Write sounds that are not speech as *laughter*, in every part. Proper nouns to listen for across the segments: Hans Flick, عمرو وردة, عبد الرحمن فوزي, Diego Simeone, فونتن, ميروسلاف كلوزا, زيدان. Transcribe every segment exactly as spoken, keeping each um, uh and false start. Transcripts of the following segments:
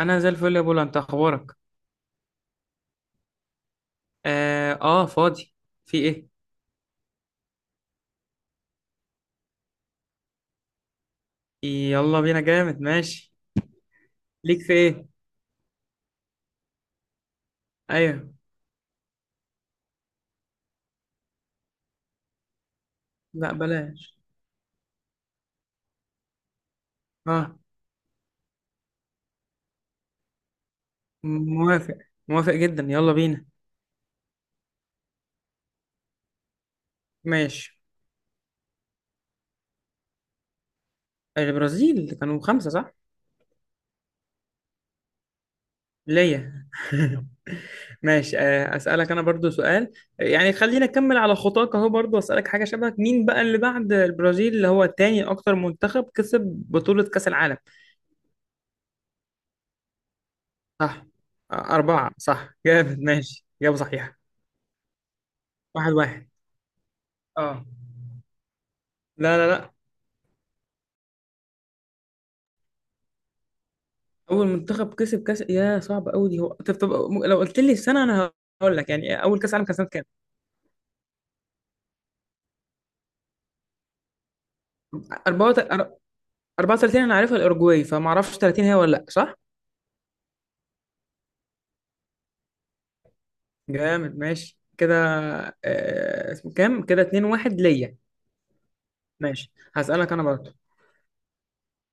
انا زي الفل يا بولا، انت اخبارك؟ اه، آه فاضي. في ايه؟ يلا بينا جامد. ماشي. ليك في ايه؟ ايوه. لا بلاش. اه. موافق. موافق جدا، يلا بينا. ماشي. آه، البرازيل كانوا خمسة، صح؟ ليا. *laughs* ماشي، آه اسالك انا برضو سؤال. يعني خلينا نكمل على خطاك اهو، برضو اسالك حاجة شبهك. مين بقى اللي بعد البرازيل، اللي هو تاني اكتر منتخب كسب بطولة كأس العالم؟ صح. آه، أربعة صح. جامد. ماشي، إجابة صحيحة. واحد واحد. اه. لا لا لا. اول منتخب كسب كاس؟ يا صعب قوي دي. هو طب طب م- لو قلت لي السنه انا هقول لك، يعني اول كاس عالم كان سنه كام؟ أربعة وتلاتين أربعة وتلاتين انا عارفها الاوروجواي، فما اعرفش تلاتين هي ولا لا، صح؟ جامد، ماشي كده. آه، اسمه كام كده؟ اتنين واحد ليا. ماشي، هسألك انا برضه.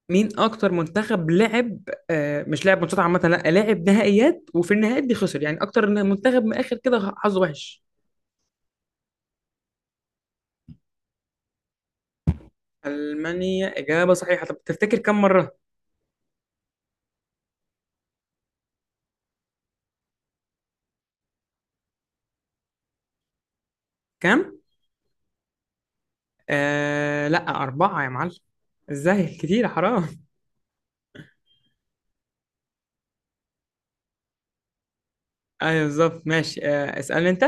مين اكتر منتخب لعب، آه، مش لعب ماتشات عامه، لا لعب نهائيات، وفي النهائيات دي خسر، يعني اكتر منتخب من اخر كده حظه وحش؟ المانيا اجابه صحيحه. طب تفتكر كم مره؟ كام؟ آه لا، أربعة يا معلم. ازاي كتير حرام؟ *laughs* ايوه بالظبط. ماشي، آه اسألني انت.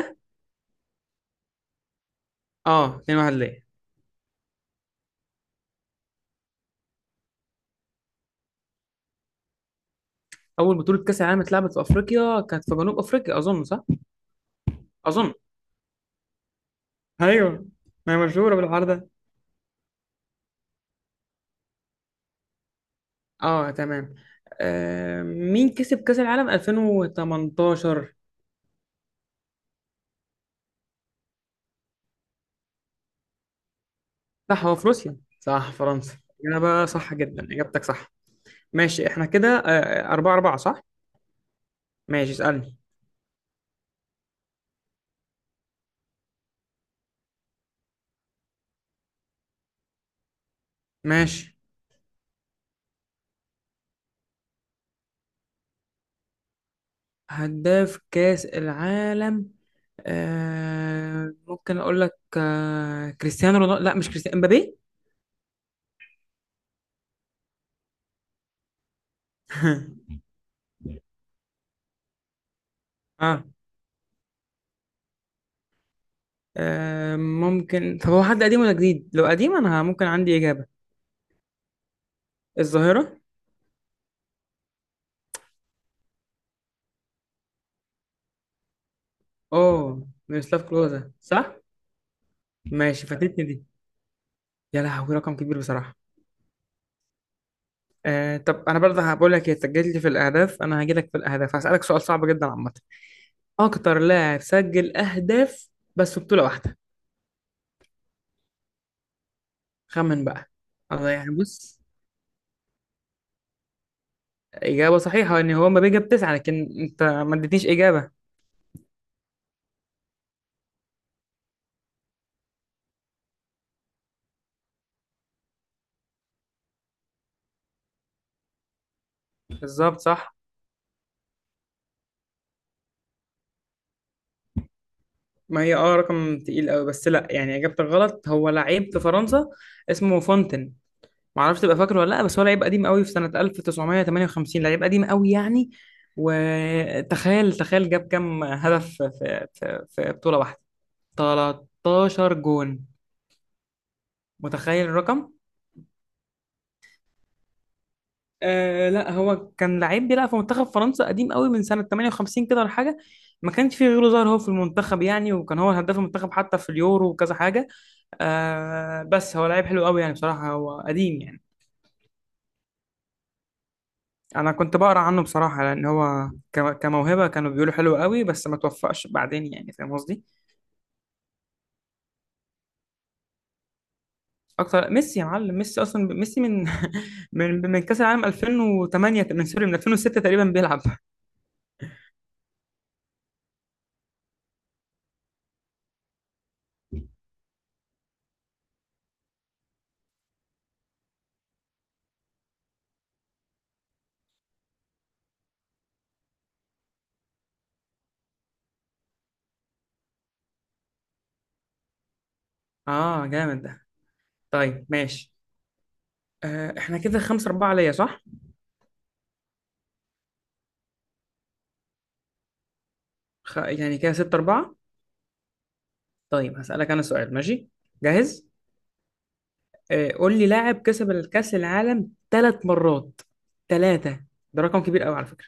اه، اتنين واحد ليه. اول بطولة كأس العالم اتلعبت في افريقيا، كانت في جنوب افريقيا اظن، صح؟ اظن. ايوه، ما هي مشهورة بالحوار ده. اه تمام. آه مين كسب كأس العالم الفين وتمنتاشر؟ صح، هو في روسيا، صح، فرنسا. إجابة صح جدا، إجابتك صح. ماشي احنا كده آه. آه، أربعة أربعة صح. ماشي، اسألني. ماشي. هداف كأس العالم، آه ممكن اقول لك آه كريستيانو رونالدو. لا مش كريستيانو، امبابي. *laughs* اه. آه، ممكن، طب هو حد قديم ولا جديد؟ لو قديم انا ممكن عندي اجابة. الظاهرة؟ اه، ميروسلاف كلوزا، صح؟ ماشي، فاتتني دي. يا لهوي رقم كبير بصراحة. آه طب انا برضه هقول لك. هي سجلت لي في الاهداف انا هاجي لك في الاهداف، هسألك سؤال صعب جدا عامة. اكتر لاعب سجل اهداف بس في بطولة واحدة. خمن بقى. الله، يعني بص. إجابة صحيحة إن هو مبابي جاب تسعة، لكن أنت ما اديتنيش إجابة. بالظبط صح. ما هي أه رقم تقيل أوي، بس لأ يعني إجابتك غلط. هو لعيب في فرنسا اسمه فونتن. معرفش تبقى فاكره ولا لأ، بس هو لعيب قديم أوي في سنة ألف تسعمية تمانية وخمسين. لعيب قديم أوي يعني. وتخيل تخيل جاب كام هدف في في في بطولة واحدة؟ تلتاشر جون. متخيل الرقم؟ آه لا هو كان لعيب بيلعب في منتخب فرنسا قديم قوي من سنة تمانية وخمسين كده ولا حاجة. ما كانش فيه غيره ظاهر هو في المنتخب يعني، وكان هو هداف المنتخب حتى في اليورو وكذا حاجة. آه بس هو لعيب حلو قوي يعني، بصراحة هو قديم يعني. أنا كنت بقرأ عنه بصراحة، لأن هو ك- كموهبة كانوا بيقولوا حلو قوي بس ما توفقش بعدين، يعني فاهم قصدي. أكتر، ميسي يا معلم. ميسي أصلا، ميسي من *laughs* من من كأس العالم الفين وتمانية، من سوري من الفين وستة تقريبا بيلعب. آه جامد ده. طيب ماشي. آه، احنا كده خمسة أربعة ليا، صح؟ خ... يعني كده ستة أربعة. طيب هسألك أنا سؤال. ماشي جاهز؟ آه، قول لي لاعب كسب الكأس العالم ثلاث مرات. ثلاثة ده رقم كبير قوي على فكرة.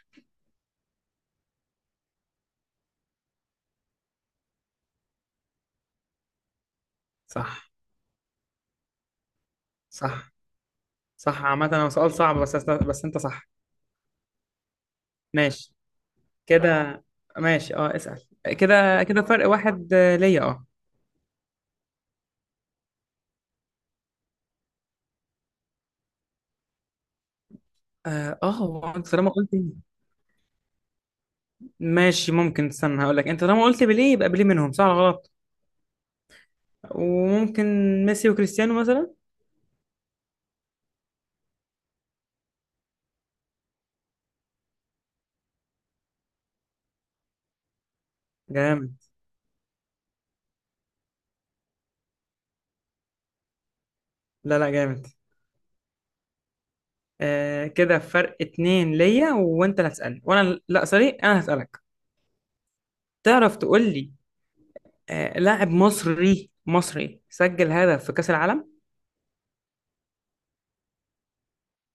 صح. صح صح عامة هو سؤال صعب، بس أست... بس أنت صح. ماشي كده. ماشي، أه اسأل. كده كده فرق واحد آه، ليا أه. اه، آه، هو انت طالما قلت. ماشي ممكن، استنى هقول لك. انت طالما قلت بيليه يبقى بيليه منهم، صح ولا غلط؟ وممكن ميسي وكريستيانو مثلا. جامد. لا لا، جامد. آه كده فرق اتنين ليا، وانت اللي هتسألني وانا. لا سوري، انا هسألك. تعرف تقول لي آه لاعب مصري مصري سجل هدف في كأس العالم؟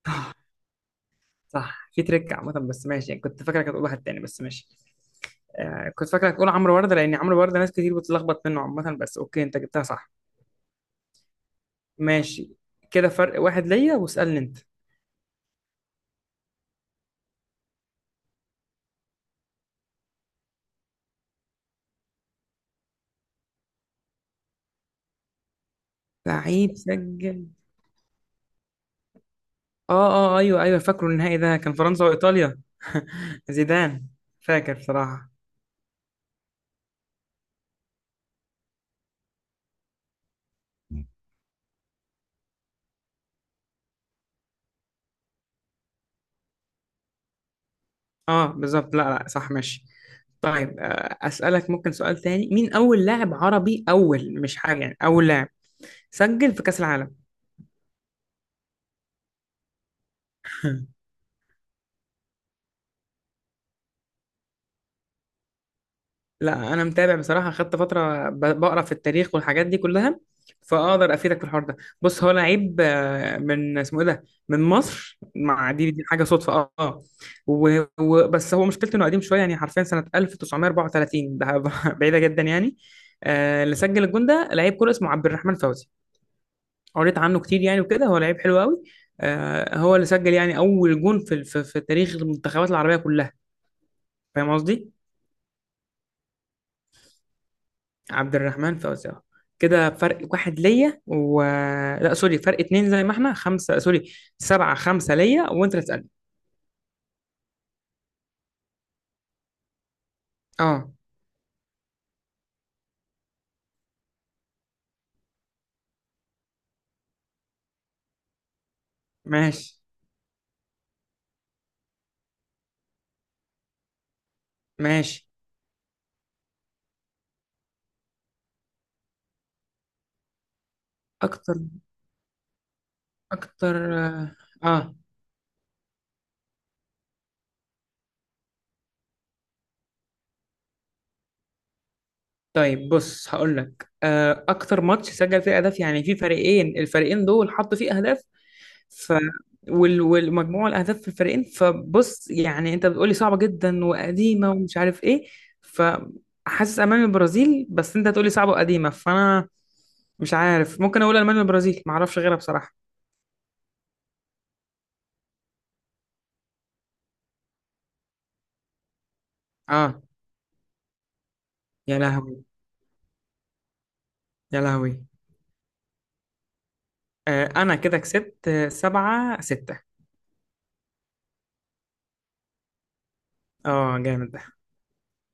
*laughs* صح، في تريك عامة بس ماشي. يعني كنت فاكرك هتقول واحد تاني بس ماشي. آه كنت فاكرك هتقول عمرو وردة، لان عمرو وردة ناس كتير بتتلخبط منه عامة، بس اوكي انت جبتها صح. ماشي. كده فرق واحد ليا، واسألني انت. لعيب سجل، اه اه. آه، ايوه ايوه فاكره. النهائي ده كان فرنسا وايطاليا. *laughs* زيدان، فاكر بصراحة. اه بالظبط، لا لا صح، ماشي. طيب، آه، اسالك ممكن سؤال تاني. مين اول لاعب عربي، اول مش حاجه يعني اول لاعب سجل في كاس العالم؟ *laughs* لا انا متابع بصراحه، خدت فتره ب- بقرا في التاريخ والحاجات دي كلها. فاقدر افيدك في الحوار ده. بص هو لعيب آه، من اسمه ايه ده، من مصر، مع دي دي حاجه صدفه. اه آه. و- و- بس هو مشكلته انه قديم شويه، يعني حرفيا سنه ألف تسعمية أربعة وتلاتين ده. *laughs* بعيده جدا يعني. آه، اللي سجل الجون ده لعيب كوره اسمه عبد الرحمن فوزي. قريت عنه كتير يعني وكده، هو لعيب حلو قوي. آه هو اللي سجل يعني اول جون في في, في تاريخ المنتخبات العربيه كلها، فاهم قصدي؟ عبد الرحمن فوزي. آه، كده فرق واحد ليا و، لا سوري فرق اتنين، زي ما احنا خمسه، سوري سبعه خمسه ليا، وانت اللي تسالني. اه، ماشي. ماشي اكتر، اكتر اه. آه. طيب بص هقول لك، آه اكتر ماتش سجل فيه اهداف يعني في فريقين، الفريقين دول حطوا فيه اهداف، ف وال- والمجموع الاهداف في الفريقين. فبص يعني، انت بتقولي صعبه جدا وقديمه ومش عارف ايه، فحاسس امان البرازيل، بس انت تقولي صعبه وقديمه فانا مش عارف. ممكن اقول المانيا والبرازيل، ما اعرفش غيرها بصراحه. اه. يا لهوي يا لهوي. آه انا كده كسبت، آه، سبعة ستة. اه، جامد ده.